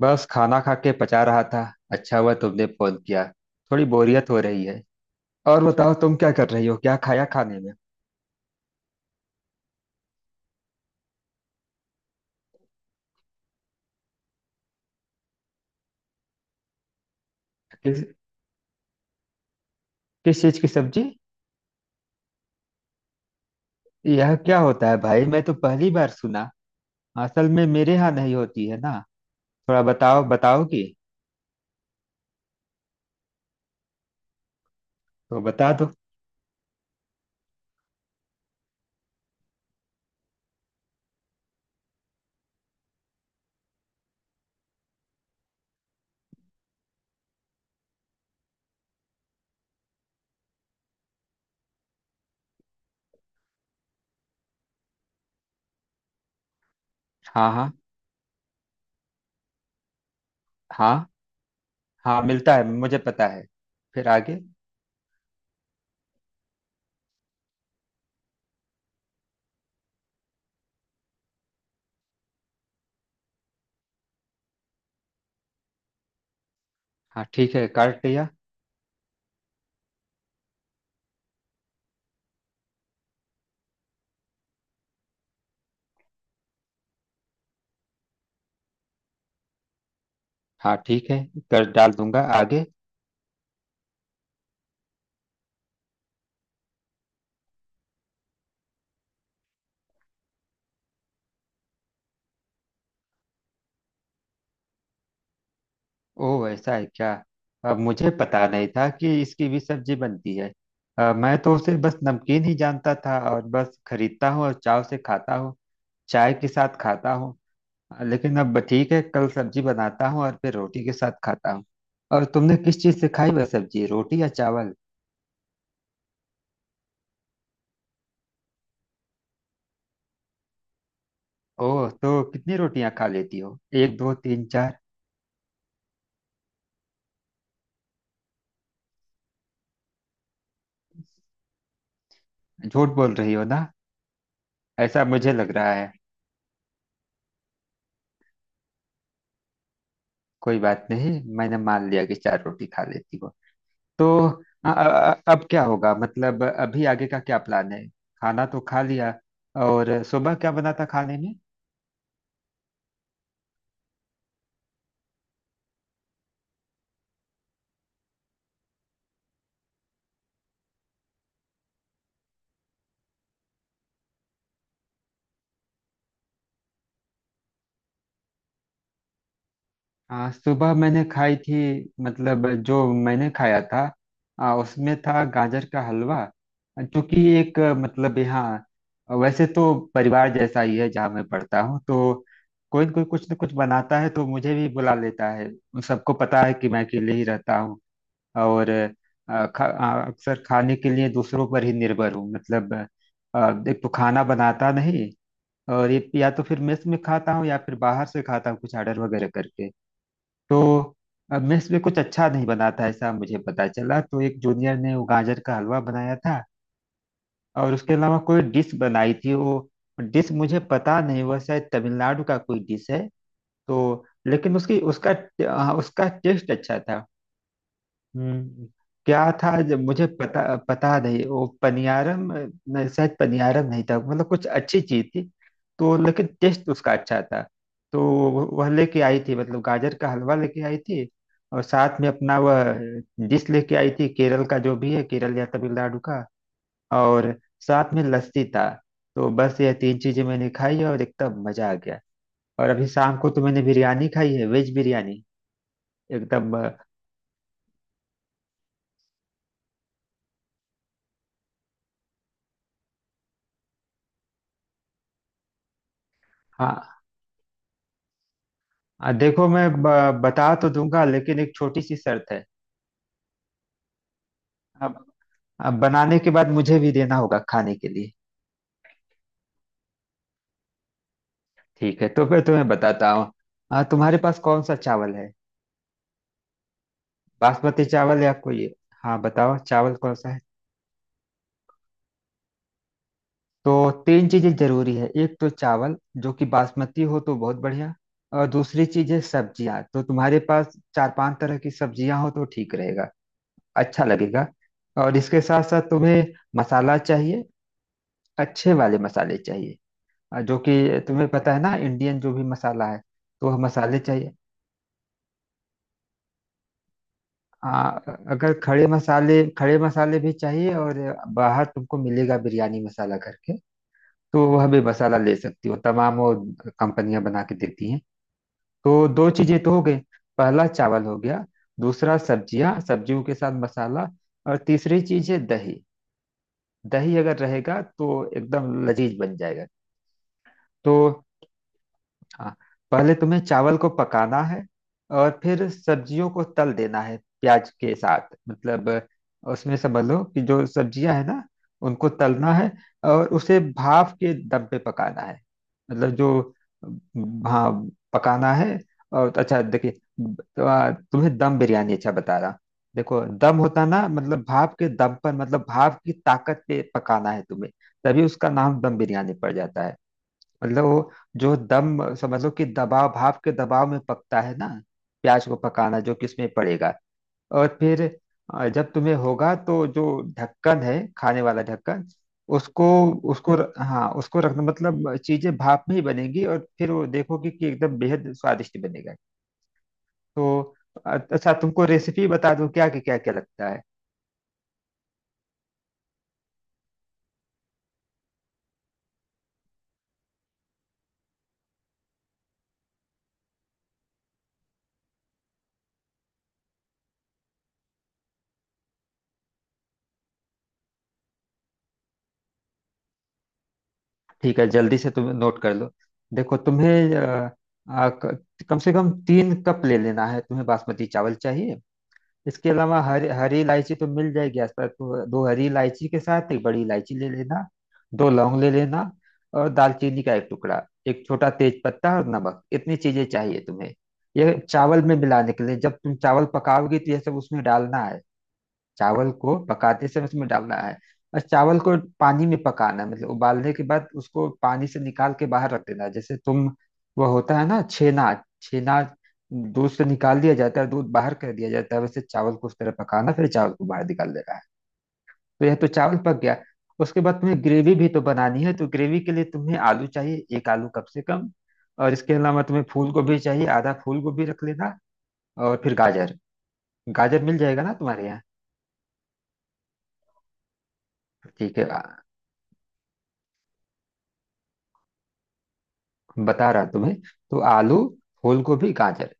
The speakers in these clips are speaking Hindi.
बस खाना खा के पचा रहा था। अच्छा हुआ तुमने फोन किया। थोड़ी बोरियत हो रही है। और बताओ, तुम क्या कर रही हो, क्या खाया खाने में। किस। किस चीज की सब्जी। यह क्या होता है भाई, मैं तो पहली बार सुना। असल में मेरे यहाँ नहीं होती है ना। थोड़ा बताओ, बताओगी। तो बता दो। हाँ हाँ। हाँ हाँ, मिलता है, मुझे पता है। फिर आगे। हाँ, ठीक है, काट लिया। हाँ, ठीक है, कर डाल दूंगा आगे। ओह, ऐसा है क्या। अब मुझे पता नहीं था कि इसकी भी सब्जी बनती है। मैं तो उसे बस नमकीन ही जानता था, और बस खरीदता हूँ और चाव से खाता हूँ। चाय के साथ खाता हूँ। लेकिन अब ठीक है, कल सब्जी बनाता हूँ और फिर रोटी के साथ खाता हूँ। और तुमने किस चीज़ से खाई वह सब्जी, रोटी या चावल। ओह, तो कितनी रोटियां खा लेती हो, एक दो तीन चार। झूठ बोल रही हो ना, ऐसा मुझे लग रहा है। कोई बात नहीं, मैंने मान लिया कि चार रोटी खा लेती हो। तो अब क्या होगा, मतलब अभी आगे का क्या प्लान है, खाना तो खा लिया। और सुबह क्या बना था खाने में। सुबह मैंने खाई थी, मतलब जो मैंने खाया था, उसमें था गाजर का हलवा। जो कि एक मतलब यहाँ वैसे तो परिवार जैसा ही है जहाँ मैं पढ़ता हूँ, तो कोई न कोई कुछ न कुछ बनाता है तो मुझे भी बुला लेता है। सबको पता है कि मैं अकेले ही रहता हूँ। और अक्सर खाने के लिए दूसरों पर ही निर्भर हूँ मतलब। एक तो खाना बनाता नहीं, और ये या तो फिर मेस में खाता हूँ या फिर बाहर से खाता हूँ कुछ ऑर्डर वगैरह करके। तो मेस में कुछ अच्छा नहीं बनाता ऐसा मुझे पता चला, तो एक जूनियर ने वो गाजर का हलवा बनाया था। और उसके अलावा कोई डिश बनाई थी वो। डिश मुझे पता नहीं, वह शायद तमिलनाडु का कोई डिश है। तो लेकिन उसकी उसका। हाँ, उसका टेस्ट अच्छा था। हम्म। क्या था जब मुझे पता, पता नहीं वो पनियारम नहीं, शायद पनियारम नहीं था, मतलब कुछ अच्छी चीज थी। तो लेकिन टेस्ट उसका अच्छा था। तो वह लेके आई थी, मतलब गाजर का हलवा लेके आई थी। और साथ में अपना वह डिश लेके आई थी, केरल का जो भी है, केरल या तमिलनाडु का। और साथ में लस्सी था। तो बस ये तीन चीजें मैंने खाई और एकदम मजा आ गया। और अभी शाम को तो मैंने बिरयानी खाई है, वेज बिरयानी एकदम। हाँ। देखो मैं बता तो दूंगा, लेकिन एक छोटी सी शर्त है। अब अब बनाने के बाद मुझे भी देना होगा खाने के लिए। ठीक है, तो मैं तुम्हें बताता हूँ। तुम्हारे पास कौन सा चावल है, बासमती चावल या कोई। हाँ बताओ, चावल कौन सा है। तो तीन चीजें जरूरी है, एक तो चावल जो कि बासमती हो तो बहुत बढ़िया। और दूसरी चीज है सब्जियां, तो तुम्हारे पास चार पांच तरह की सब्जियां हो तो ठीक रहेगा, अच्छा लगेगा। और इसके साथ साथ तुम्हें मसाला चाहिए, अच्छे वाले मसाले चाहिए। जो कि तुम्हें पता है ना, इंडियन जो भी मसाला है, तो वह मसाले चाहिए। आ, अगर खड़े मसाले भी चाहिए, और बाहर तुमको मिलेगा बिरयानी मसाला करके, तो वह भी मसाला ले सकती हो, तमाम वो कंपनियां बना के देती हैं। तो दो चीजें तो हो गई, पहला चावल हो गया, दूसरा सब्जियां, सब्जियों के साथ मसाला। और तीसरी चीज है दही, दही अगर रहेगा तो एकदम लजीज बन जाएगा। तो हाँ, पहले तुम्हें चावल को पकाना है, और फिर सब्जियों को तल देना है प्याज के साथ, मतलब उसमें समझ लो कि जो सब्जियां है ना, उनको तलना है, और उसे भाप के दम पे पकाना है, मतलब जो, हाँ, पकाना है। और अच्छा देखिए, तो तुम्हें दम बिरयानी अच्छा बता रहा। देखो दम होता ना, मतलब भाप के दम पर, मतलब भाप की ताकत पे पकाना है तुम्हें, तभी उसका नाम दम बिरयानी पड़ जाता है। मतलब वो, जो दम समझ लो कि दबाव, भाप के दबाव में पकता है ना। प्याज को पकाना जो कि उसमें पड़ेगा, और फिर जब तुम्हें होगा तो जो ढक्कन है, खाने वाला ढक्कन, उसको। हाँ, उसको रखना, मतलब चीजें भाप में ही बनेंगी और फिर वो देखोगे कि एकदम बेहद स्वादिष्ट बनेगा। तो अच्छा, तुमको रेसिपी बता दूं क्या, कि क्या क्या लगता है। ठीक है, जल्दी से तुम नोट कर लो। देखो तुम्हें कम से कम तीन कप ले लेना है, तुम्हें बासमती चावल चाहिए। इसके अलावा हरी हरी इलायची तो मिल जाएगी आसपास, तो दो हरी इलायची के साथ एक बड़ी इलायची ले लेना। दो लौंग ले लेना और दालचीनी का एक टुकड़ा, एक छोटा तेज पत्ता और नमक, इतनी चीजें चाहिए तुम्हें। ये चावल में मिलाने के लिए, जब तुम चावल पकाओगी तो ये सब उसमें डालना है, चावल को पकाते समय उसमें डालना है। और चावल को पानी में पकाना है, मतलब उबालने के बाद उसको पानी से निकाल के बाहर रख देना है, जैसे तुम, वो होता है ना छेना, छेना दूध से निकाल दिया जाता है, दूध बाहर कर दिया जाता है, वैसे चावल को उस तरह पकाना, फिर चावल को बाहर निकाल देना है। तो यह तो चावल पक गया। उसके बाद तुम्हें ग्रेवी भी तो बनानी है, तो ग्रेवी के लिए तुम्हें आलू चाहिए, एक आलू कम से कम। और इसके अलावा तुम्हें फूल गोभी चाहिए, आधा फूल गोभी रख लेना। और फिर गाजर, गाजर मिल जाएगा ना तुम्हारे यहाँ। ठीक है, बता रहा तुम्हें। तो आलू, फूल गोभी, गाजर,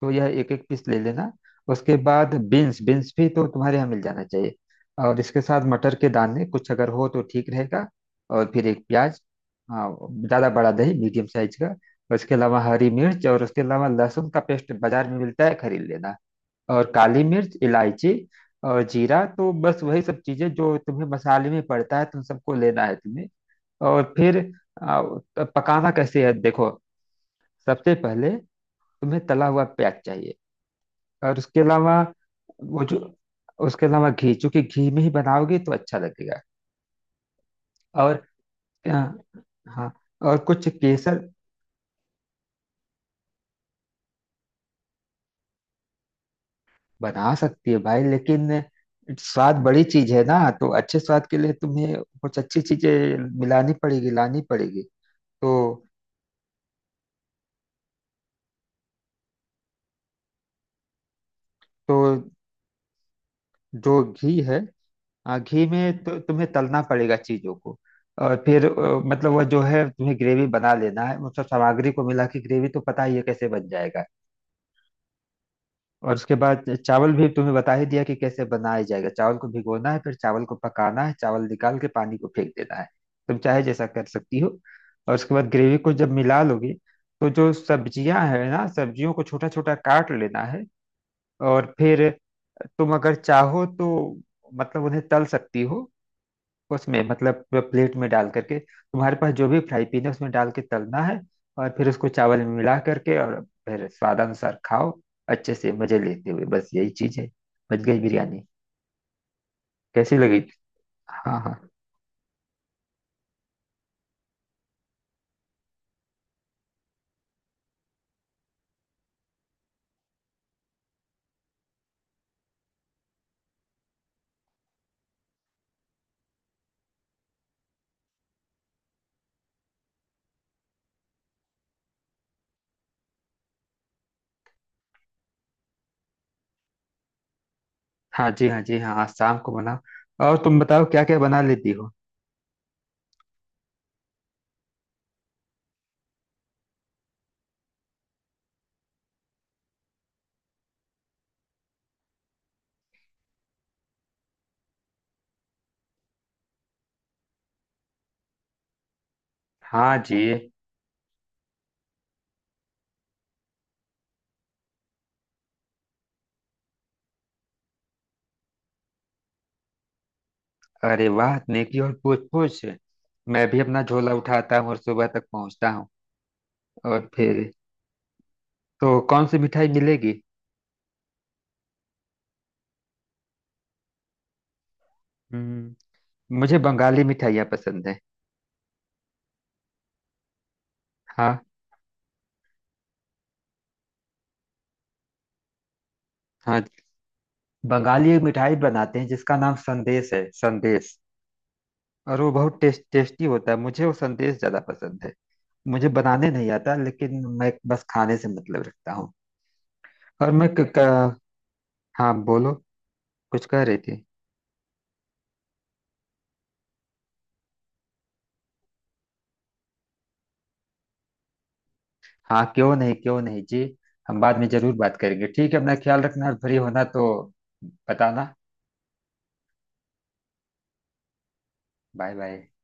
तो यह एक एक पीस ले लेना। उसके बाद बीन्स, भी तो तुम्हारे यहाँ मिल जाना चाहिए, और इसके साथ मटर के दाने कुछ अगर हो तो ठीक रहेगा। और फिर एक प्याज, हाँ, ज़्यादा बड़ा नहीं, मीडियम साइज का। और इसके अलावा हरी मिर्च, और उसके अलावा लहसुन का पेस्ट, बाजार में मिलता है खरीद लेना। और काली मिर्च, इलायची और जीरा, तो बस वही सब चीज़ें जो तुम्हें मसाले में पड़ता है, तुम सबको लेना है तुम्हें। और फिर पकाना कैसे है देखो। सबसे पहले तुम्हें तला हुआ प्याज चाहिए, और उसके अलावा वो जो, उसके अलावा घी, चूंकि घी में ही बनाओगे तो अच्छा लगेगा। और अ, हाँ, और कुछ केसर। बना सकती है भाई, लेकिन स्वाद बड़ी चीज है ना, तो अच्छे स्वाद के लिए तुम्हें कुछ अच्छी चीजें मिलानी पड़ेगी, लानी पड़ेगी। तो तो जो घी है, हाँ, घी में तो तुम्हें तलना पड़ेगा चीजों को। और फिर मतलब वह जो है तुम्हें ग्रेवी बना लेना है, मतलब सामग्री को मिला के ग्रेवी, तो पता ही है कैसे बन जाएगा। और उसके बाद चावल भी तुम्हें बता ही दिया कि कैसे बनाया जाएगा, चावल को भिगोना है, फिर चावल को पकाना है, चावल निकाल के पानी को फेंक देना है, तुम चाहे जैसा कर सकती हो। और उसके बाद ग्रेवी को जब मिला लोगे, तो जो सब्जियां है ना, सब्जियों को छोटा छोटा काट लेना है। और फिर तुम अगर चाहो तो, मतलब उन्हें तल सकती हो उसमें, मतलब प्लेट में डाल करके तुम्हारे पास जो भी फ्राई पीन है उसमें डाल के तलना है। और फिर उसको चावल में मिला करके, और फिर स्वादानुसार खाओ, अच्छे से मजे लेते हुए। बस यही चीज है, बच गई बिरयानी। कैसी लगी। हाँ हाँ। हाँ जी, हाँ जी, हाँ हाँ, शाम को बनाओ। और तुम बताओ, क्या क्या बना लेती हो। हाँ जी। अरे वाह, नेकी और पूछ पूछ, मैं भी अपना झोला उठाता हूँ और सुबह तक पहुँचता हूँ। और फिर तो कौन सी मिठाई मिलेगी। हम्म। मुझे बंगाली मिठाइयाँ पसंद है। हाँ। बंगाली एक मिठाई बनाते हैं जिसका नाम संदेश है, संदेश। और वो बहुत टेस्टी होता है, मुझे वो संदेश ज्यादा पसंद है। मुझे बनाने नहीं आता, लेकिन मैं बस खाने से मतलब रखता हूँ। और मैं। क, क, हाँ बोलो, कुछ कह रही थी। हाँ, क्यों नहीं, क्यों नहीं जी। हम बाद में जरूर बात करेंगे, ठीक है, अपना ख्याल रखना, और फ्री होना तो बताना। Bye bye.